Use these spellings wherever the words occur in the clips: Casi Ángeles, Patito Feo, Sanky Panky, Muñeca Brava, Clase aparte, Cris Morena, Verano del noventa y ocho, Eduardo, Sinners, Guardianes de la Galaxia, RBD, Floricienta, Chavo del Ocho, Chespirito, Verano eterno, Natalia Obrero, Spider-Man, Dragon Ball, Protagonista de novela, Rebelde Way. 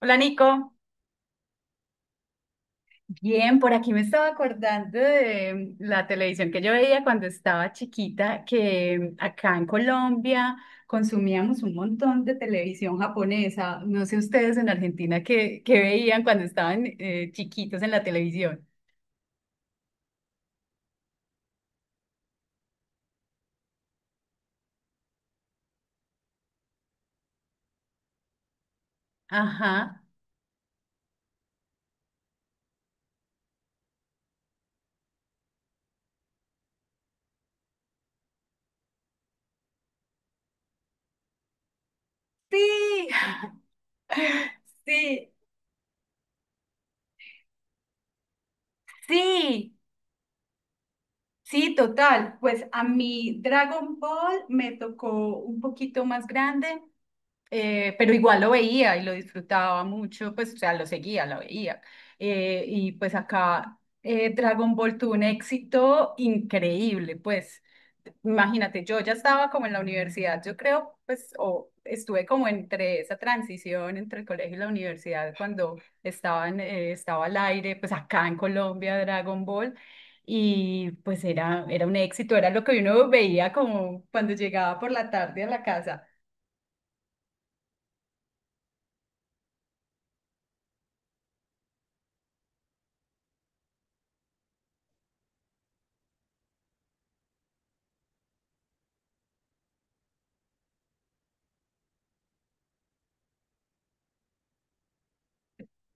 Hola Nico, bien, por aquí me estaba acordando de la televisión que yo veía cuando estaba chiquita, que acá en Colombia consumíamos un montón de televisión japonesa. No sé ustedes en Argentina qué, qué veían cuando estaban chiquitos en la televisión. Ajá. Sí, sí, sí, sí, total. Pues a mí Dragon Ball me tocó un poquito más grande. Pero igual lo veía y lo disfrutaba mucho, pues, o sea, lo seguía, lo veía. Y pues acá Dragon Ball tuvo un éxito increíble, pues, imagínate, yo ya estaba como en la universidad, yo creo, pues, o estuve como entre esa transición entre el colegio y la universidad cuando estaba al aire, pues acá en Colombia Dragon Ball. Y pues era un éxito, era lo que uno veía como cuando llegaba por la tarde a la casa.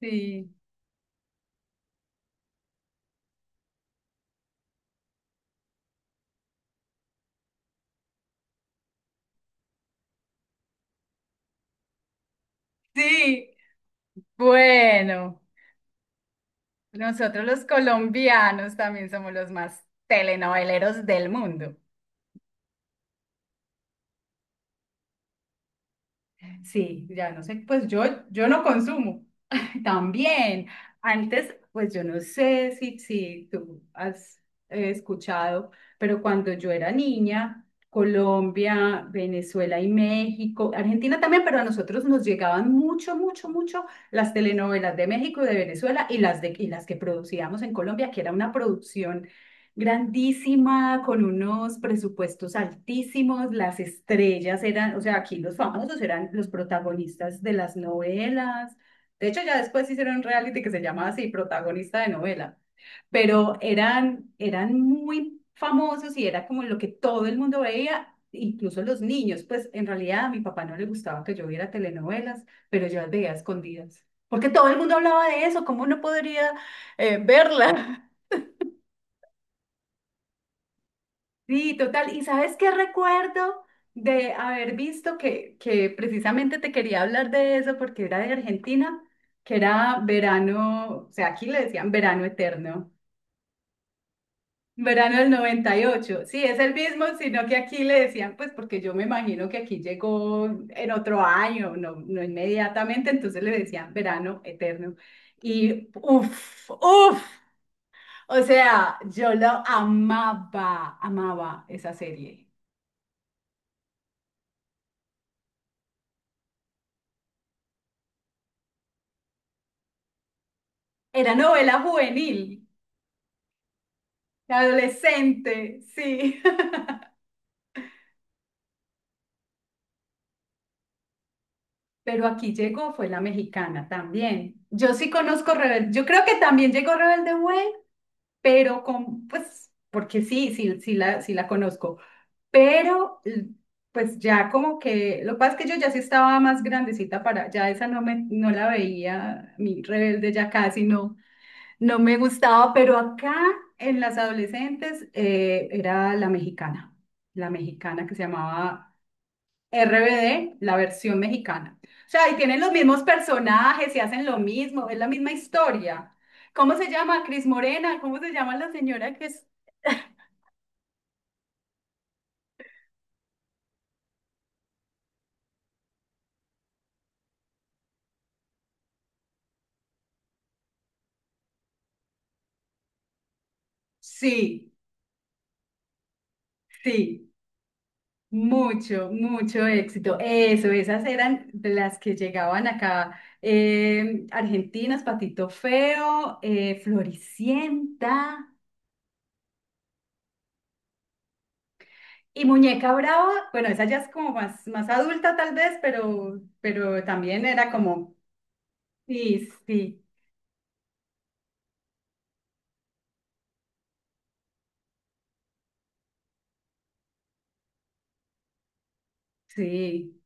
Sí. Sí, bueno, nosotros los colombianos también somos los más telenoveleros del mundo. Sí, ya no sé, yo no consumo. También, antes, pues yo no sé si tú has escuchado, pero cuando yo era niña, Colombia, Venezuela y México, Argentina también, pero a nosotros nos llegaban mucho, mucho, mucho las telenovelas de México y de Venezuela y las que producíamos en Colombia, que era una producción grandísima, con unos presupuestos altísimos, las estrellas o sea, aquí los famosos eran los protagonistas de las novelas. De hecho, ya después hicieron un reality que se llamaba así, protagonista de novela, pero eran muy famosos y era como lo que todo el mundo veía, incluso los niños. Pues en realidad a mi papá no le gustaba que yo viera telenovelas, pero yo las veía a escondidas, porque todo el mundo hablaba de eso, ¿cómo no podría verla? Sí, total. ¿Y sabes qué recuerdo de haber visto que precisamente te quería hablar de eso porque era de Argentina, que era verano, o sea, aquí le decían verano eterno, verano del 98. Sí, es el mismo, sino que aquí le decían, pues porque yo me imagino que aquí llegó en otro año, no inmediatamente, entonces le decían verano eterno. Y uff, uff, o sea, yo lo amaba, amaba esa serie. Era novela juvenil, adolescente, sí. Pero aquí llegó, fue la mexicana también. Yo sí conozco Rebelde, yo creo que también llegó Rebelde Way, porque sí la conozco. Pero, l- pues ya como que, lo que pasa es que yo ya sí estaba más grandecita para, ya esa no la veía, mi Rebelde ya casi no, no me gustaba, pero acá en las adolescentes era la mexicana que se llamaba RBD, la versión mexicana. O sea, y tienen los mismos personajes y hacen lo mismo, es la misma historia. ¿Cómo se llama? Cris Morena, ¿cómo se llama la señora que es? Sí, sí, mucho, mucho éxito. Eso, esas eran de las que llegaban acá. Argentinas, Patito Feo, Floricienta. Y Muñeca Brava, bueno, esa ya es como más, más adulta tal vez, pero también era como, sí, sí. Sí,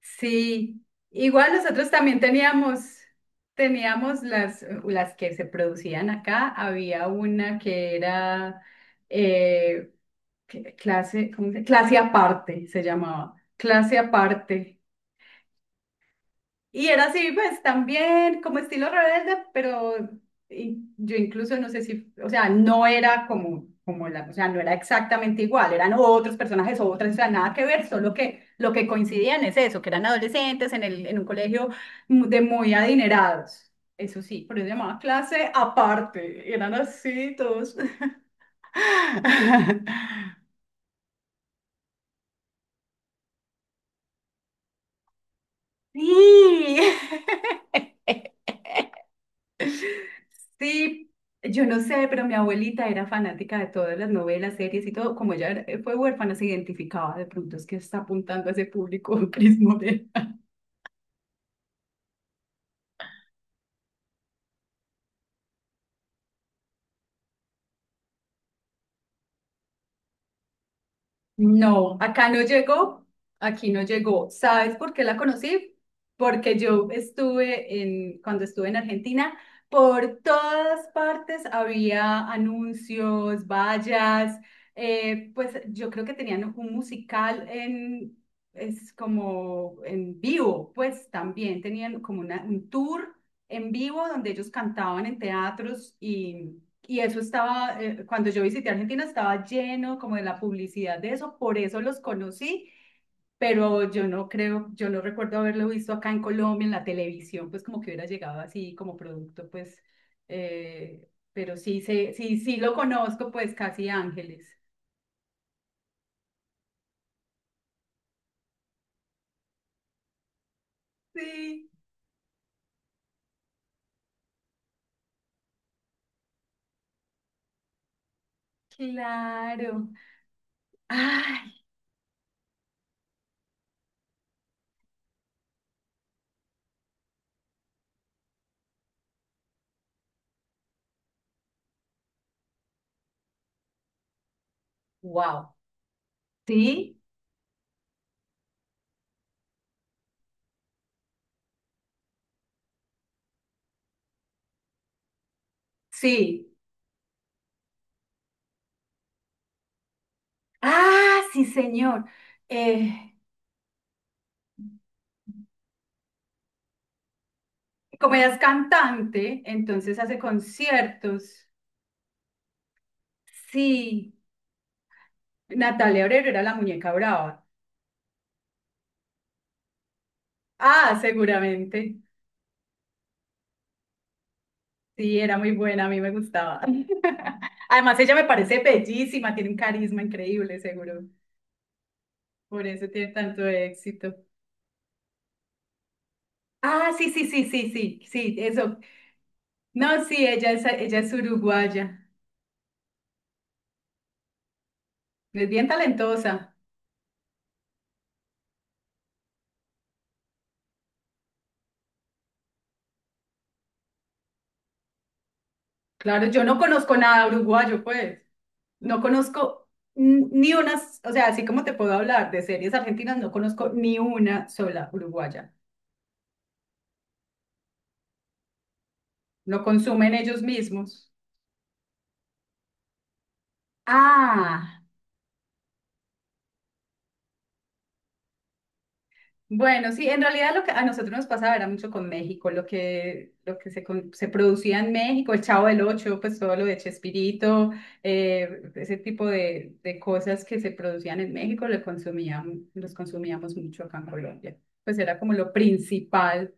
sí, igual nosotros también teníamos, teníamos las que se producían acá. Había una que era eh, clase, clase aparte, se llamaba. Clase aparte. Y era así, pues también como estilo rebelde, pero yo incluso no sé si, o sea, no era como, como la, o sea, no era exactamente igual, eran otros personajes, o otras, o sea, nada que ver, solo que lo que coincidían es eso, que eran adolescentes en en un colegio de muy adinerados. Eso sí, pero yo llamaba clase aparte, eran así todos. Sí. Sí, yo no sé, pero mi abuelita era fanática de todas las novelas, series y todo. Como fue huérfana, se identificaba. De pronto es que está apuntando a ese público, Cris Morena. No, acá no llegó, aquí no llegó. ¿Sabes por qué la conocí? Porque cuando estuve en Argentina, por todas partes había anuncios, vallas. Pues yo creo que tenían un musical en, es como en vivo, pues también tenían como un tour en vivo donde ellos cantaban en teatros y... Y eso estaba, cuando yo visité Argentina, estaba lleno como de la publicidad de eso, por eso los conocí, pero yo no creo, yo no recuerdo haberlo visto acá en Colombia, en la televisión, pues como que hubiera llegado así como producto, pero sí, sí lo conozco, pues casi Ángeles. Sí, claro. Ay, wow. Sí, sí. Ah, sí, señor. Eh, Como ella es cantante, entonces hace conciertos. Sí, Natalia Obrero era la muñeca brava. Ah, seguramente. Sí, era muy buena, a mí me gustaba. Además, ella me parece bellísima, tiene un carisma increíble, seguro. Por eso tiene tanto éxito. Ah, sí, sí, sí, sí, sí, sí, eso. No, sí, ella es uruguaya. Es bien talentosa. Claro, yo no conozco nada uruguayo, pues. No conozco ni unas, o sea, así como te puedo hablar de series argentinas, no conozco ni una sola uruguaya. Lo consumen ellos mismos. Ah, bueno, sí, en realidad lo que a nosotros nos pasaba era mucho con México, lo que se, con- se producía en México, el Chavo del Ocho, pues todo lo de Chespirito, ese tipo de cosas que se producían en México, los consumíamos mucho acá en Colombia. Pues era como lo principal,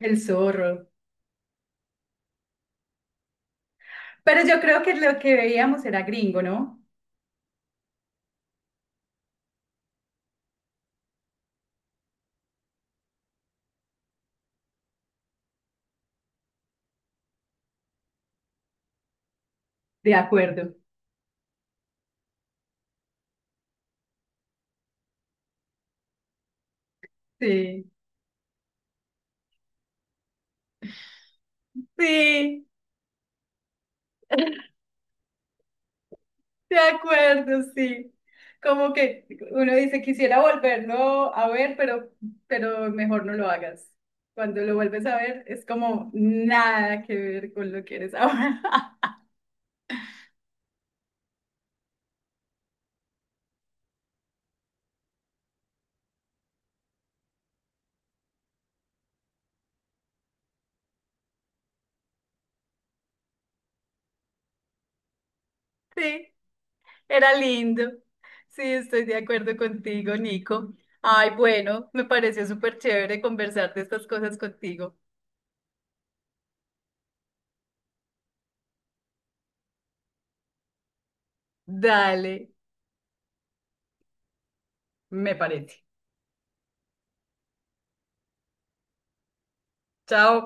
el zorro. Pero yo creo que lo que veíamos era gringo, ¿no? De acuerdo. Sí. Sí. De acuerdo, sí. Como que uno dice, quisiera volverlo a ver, pero mejor no lo hagas. Cuando lo vuelves a ver, es como nada que ver con lo que eres ahora. Sí, era lindo. Sí, estoy de acuerdo contigo, Nico. Ay, bueno, me pareció súper chévere conversar de estas cosas contigo. Dale, me parece. Chao.